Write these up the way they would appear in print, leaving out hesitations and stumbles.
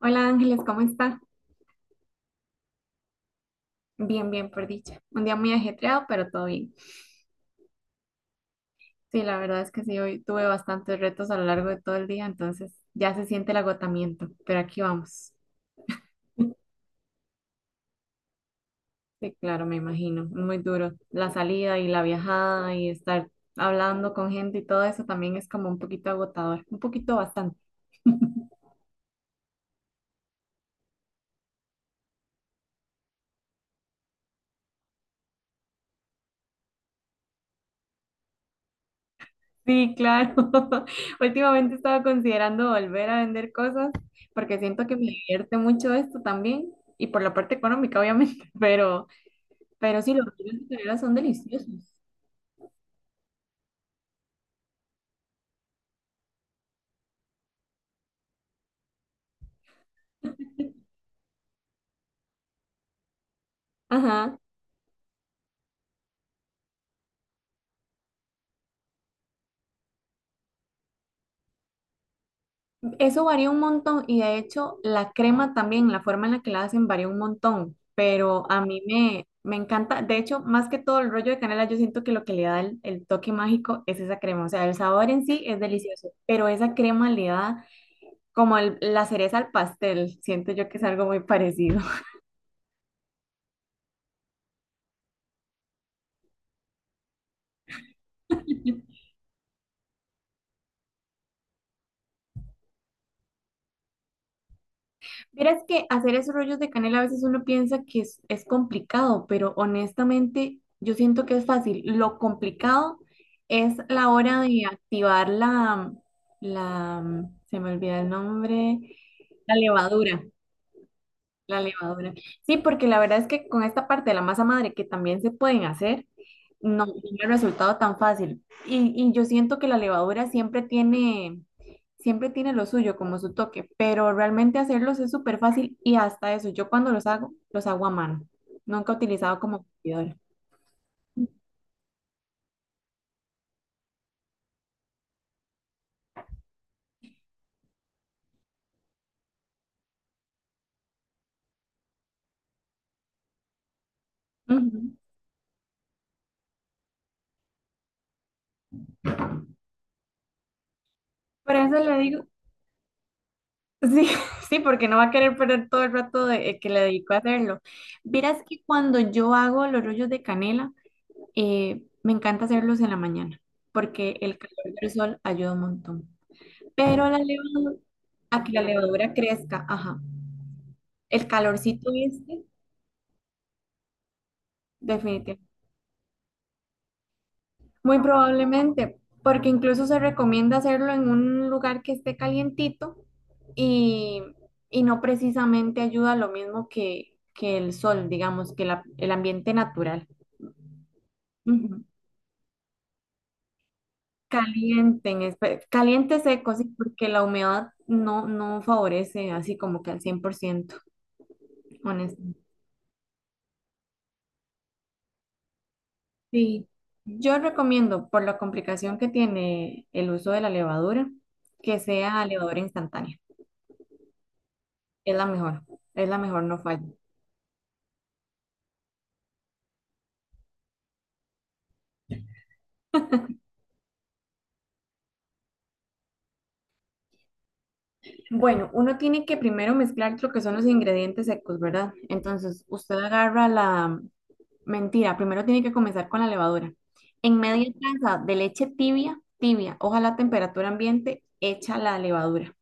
Hola Ángeles, ¿cómo está? Bien, bien, por dicha. Un día muy ajetreado, pero todo bien. Sí, la verdad es que sí, hoy tuve bastantes retos a lo largo de todo el día, entonces ya se siente el agotamiento, pero aquí vamos. Sí, claro, me imagino, muy duro. La salida y la viajada y estar hablando con gente y todo eso también es como un poquito agotador, un poquito bastante. Sí, claro. Últimamente estaba considerando volver a vender cosas porque siento que me divierte mucho esto también y por la parte económica, obviamente, pero... Pero sí, los rollos de canela son deliciosos. Ajá, eso varía un montón y de hecho la crema también, la forma en la que la hacen varía un montón, pero a mí me encanta, de hecho, más que todo el rollo de canela, yo siento que lo que le da el toque mágico es esa crema, o sea, el sabor en sí es delicioso, pero esa crema le da como el- la cereza al pastel, siento yo que es algo muy parecido. Verás que hacer esos rollos de canela a veces uno piensa que es complicado, pero honestamente yo siento que es fácil. Lo complicado es la hora de activar se me olvida el nombre, la levadura. La levadura. Sí, porque la verdad es que con esta parte de la masa madre que también se pueden hacer, no tiene el resultado tan fácil. Y yo siento que la levadura siempre tiene lo suyo como su toque, pero realmente hacerlos es súper fácil y hasta eso, yo cuando los hago a mano. Nunca he utilizado como batidora. Ujú. Por eso le digo, sí, sí, porque no va a querer perder todo el rato de, que le dedico a hacerlo. Verás que cuando yo hago los rollos de canela, me encanta hacerlos en la mañana porque el calor del sol ayuda un montón. Pero la levadura, a que la levadura crezca, ajá, el calorcito este, definitivamente. Muy probablemente, porque incluso se recomienda hacerlo en un lugar que esté calientito y, y no precisamente ayuda lo mismo que el sol, digamos, que la- el ambiente natural. Ujú. Calienten, espe- caliente seco, sí, porque la humedad no favorece así como que al 100%, honestamente. Sí, yo recomiendo, por la complicación que tiene el uso de la levadura, que sea levadura instantánea. Es la mejor, es la mejor, no falla. Bueno, uno tiene que primero mezclar lo que son los ingredientes secos, ¿verdad? Entonces, usted agarra la, mentira, primero tiene que comenzar con la levadura. En media taza de leche tibia, tibia, ojalá a temperatura ambiente, echa la levadura,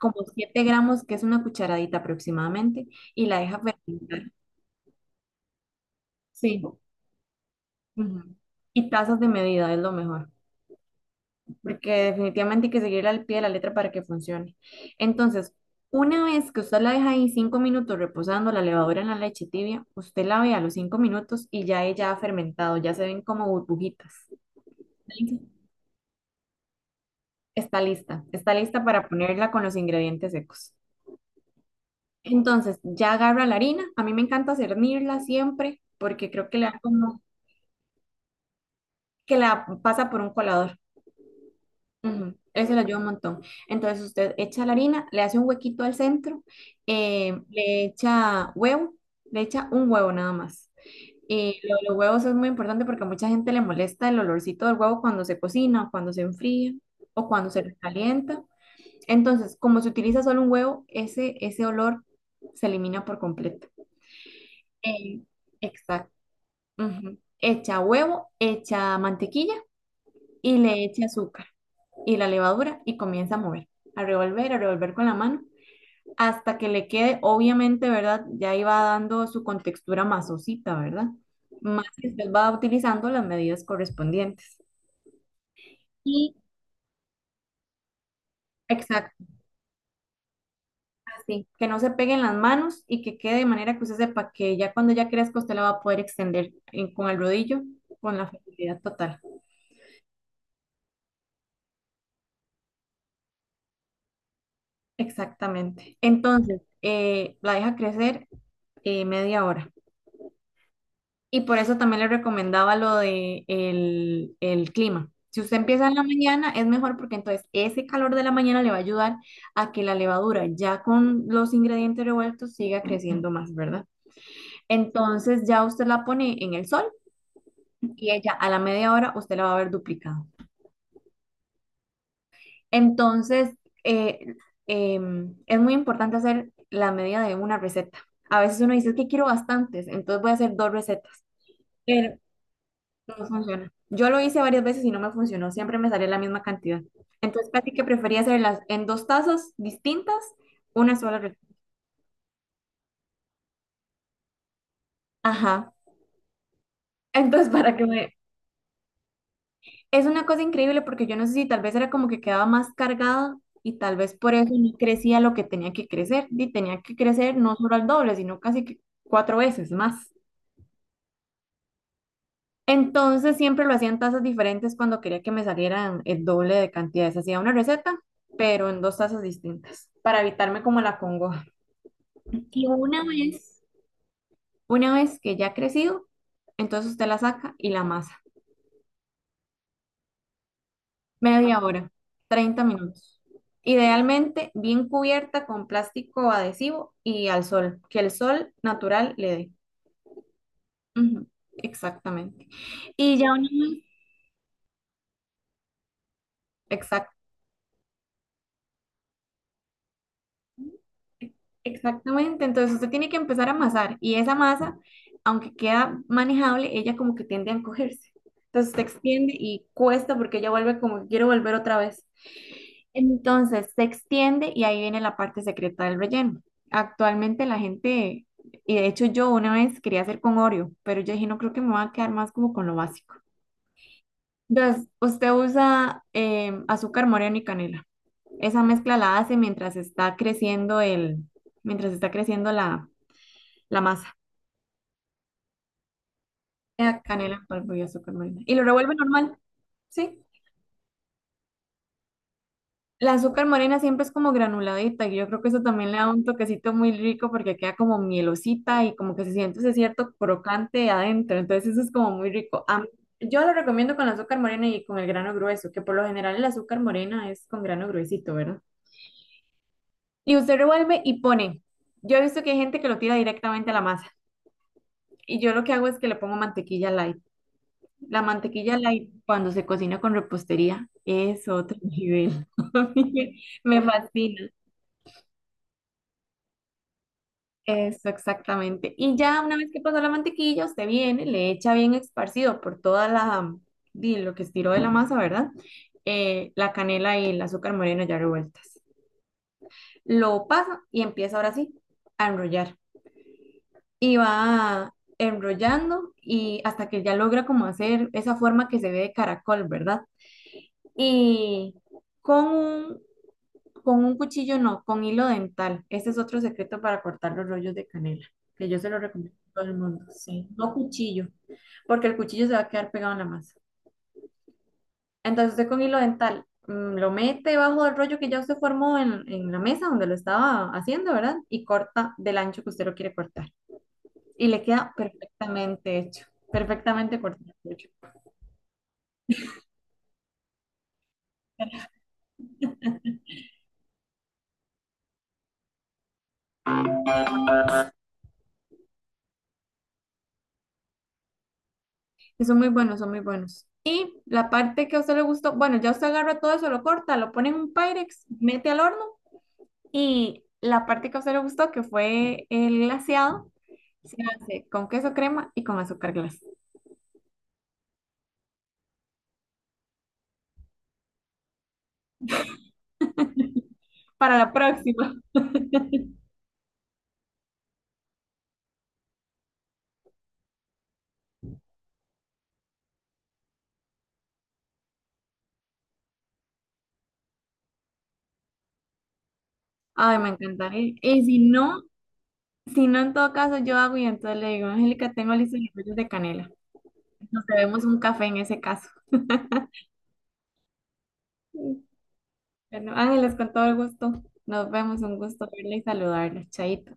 como 7 gramos, que es una cucharadita aproximadamente, y la deja fermentar. Sí, ujú. Y tazas de medida es lo mejor, porque definitivamente hay que seguirla al pie de la letra para que funcione. Entonces, una vez que usted la deja ahí 5 minutos reposando la levadura en la leche tibia, usted la ve a los 5 minutos y ya ella ha fermentado, ya se ven como burbujitas. Está lista para ponerla con los ingredientes secos. Entonces, ya agarra la harina. A mí me encanta cernirla siempre porque creo que le da como que la pasa por un colador. Ujú, eso le ayuda un montón. Entonces, usted echa la harina, le hace un huequito al centro, le echa huevo, le echa un huevo nada más. Y lo de los huevos es muy importante porque a mucha gente le molesta el olorcito del huevo cuando se cocina, o cuando se enfría o cuando se calienta. Entonces, como se utiliza solo un huevo, ese olor se elimina por completo. Eh, exacto. Ujú. Echa huevo, echa mantequilla y le echa azúcar y la levadura y comienza a mover, a revolver con la mano hasta que le quede, obviamente, ¿verdad? Ya iba dando su contextura masosita, ¿verdad? Más que usted va utilizando las medidas correspondientes. Y exacto. Sí, que no se peguen las manos y que quede de manera que usted sepa que ya cuando ya crezca usted la va a poder extender en- con el rodillo, con la facilidad total. Exactamente. Entonces, la deja crecer media hora. Y por eso también le recomendaba lo de el clima. Si usted empieza en la mañana, es mejor porque entonces ese calor de la mañana le va a ayudar a que la levadura, ya con los ingredientes revueltos, siga creciendo más, ¿verdad? Entonces ya usted la pone en el sol y ella a la media hora usted la va a ver duplicado. Entonces, eh, es muy importante hacer la medida de una receta. A veces uno dice, es que quiero bastantes, entonces voy a hacer dos recetas, pero no funciona. Yo lo hice varias veces y no me funcionó, siempre me salía la misma cantidad. Entonces, casi que prefería hacerlas en dos tazas distintas, una sola receta. Ajá. Entonces, para que me, es una cosa increíble porque yo no sé si tal vez era como que quedaba más cargada y tal vez por eso no crecía lo que tenía que crecer. Y tenía que crecer no solo al doble, sino casi que 4 veces más. Entonces siempre lo hacían tazas diferentes cuando quería que me salieran el doble de cantidades. Hacía una receta, pero en dos tazas distintas para evitarme como la congoja. Y una vez, una vez que ya ha crecido, entonces usted la saca y la amasa. Media hora, 30 minutos. Idealmente bien cubierta con plástico adhesivo y al sol, que el sol natural le dé. Ujú, exactamente. Y ya una vez, exactamente, entonces usted tiene que empezar a amasar y esa masa, aunque queda manejable, ella como que tiende a encogerse. Entonces se extiende y cuesta porque ella vuelve como que quiero volver otra vez. Entonces se extiende y ahí viene la parte secreta del relleno. Actualmente la gente, y de hecho yo una vez quería hacer con Oreo, pero yo dije no creo que me va a quedar más como con lo básico. Entonces usted usa azúcar moreno y canela. Esa mezcla la hace mientras está creciendo la masa. Canela en polvo y azúcar morena. Y lo revuelve normal, ¿sí? La azúcar morena siempre es como granuladita y yo creo que eso también le da un toquecito muy rico porque queda como mielosita y como que se siente ese cierto crocante adentro. Entonces eso es como muy rico. A mí- yo lo recomiendo con la azúcar morena y con el grano grueso, que por lo general el azúcar morena es con grano gruesito, ¿verdad? Y usted revuelve y pone. Yo he visto que hay gente que lo tira directamente a la masa. Y yo lo que hago es que le pongo mantequilla light. La mantequilla light cuando se cocina con repostería es otro nivel. A mí me fascina. Eso exactamente. Y ya una vez que pasó la mantequilla, usted viene, le echa bien esparcido por toda la, di, lo que estiró de la masa, ¿verdad? La canela y el azúcar moreno ya revueltas. Lo pasa y empieza ahora sí a enrollar. Y va enrollando y hasta que ya logra como hacer esa forma que se ve de caracol, ¿verdad? Y con un, con un cuchillo no, con hilo dental. Ese es otro secreto para cortar los rollos de canela, que yo se lo recomiendo a todo el mundo. Sí, no cuchillo, porque el cuchillo se va a quedar pegado en la masa. Entonces usted con hilo dental lo mete debajo del rollo que ya usted formó en la mesa donde lo estaba haciendo, ¿verdad? Y corta del ancho que usted lo quiere cortar. Y le queda perfectamente hecho, perfectamente cortado. Que son muy buenos, son muy buenos. Y la parte que a usted le gustó, bueno, ya usted agarra todo eso, lo corta, lo pone en un Pyrex, mete al horno y la parte que a usted le gustó, que fue el glaseado, se hace con queso crema y con azúcar glass. Para la próxima. Ay, me encantaría. Y si no, si no, en todo caso, yo hago y entonces le digo, Angélica, tengo listos los rollos de canela. Nos bebemos un café en ese caso. Bueno, Ángeles, con todo el gusto. Nos vemos, un gusto verla y saludarla. Chaito.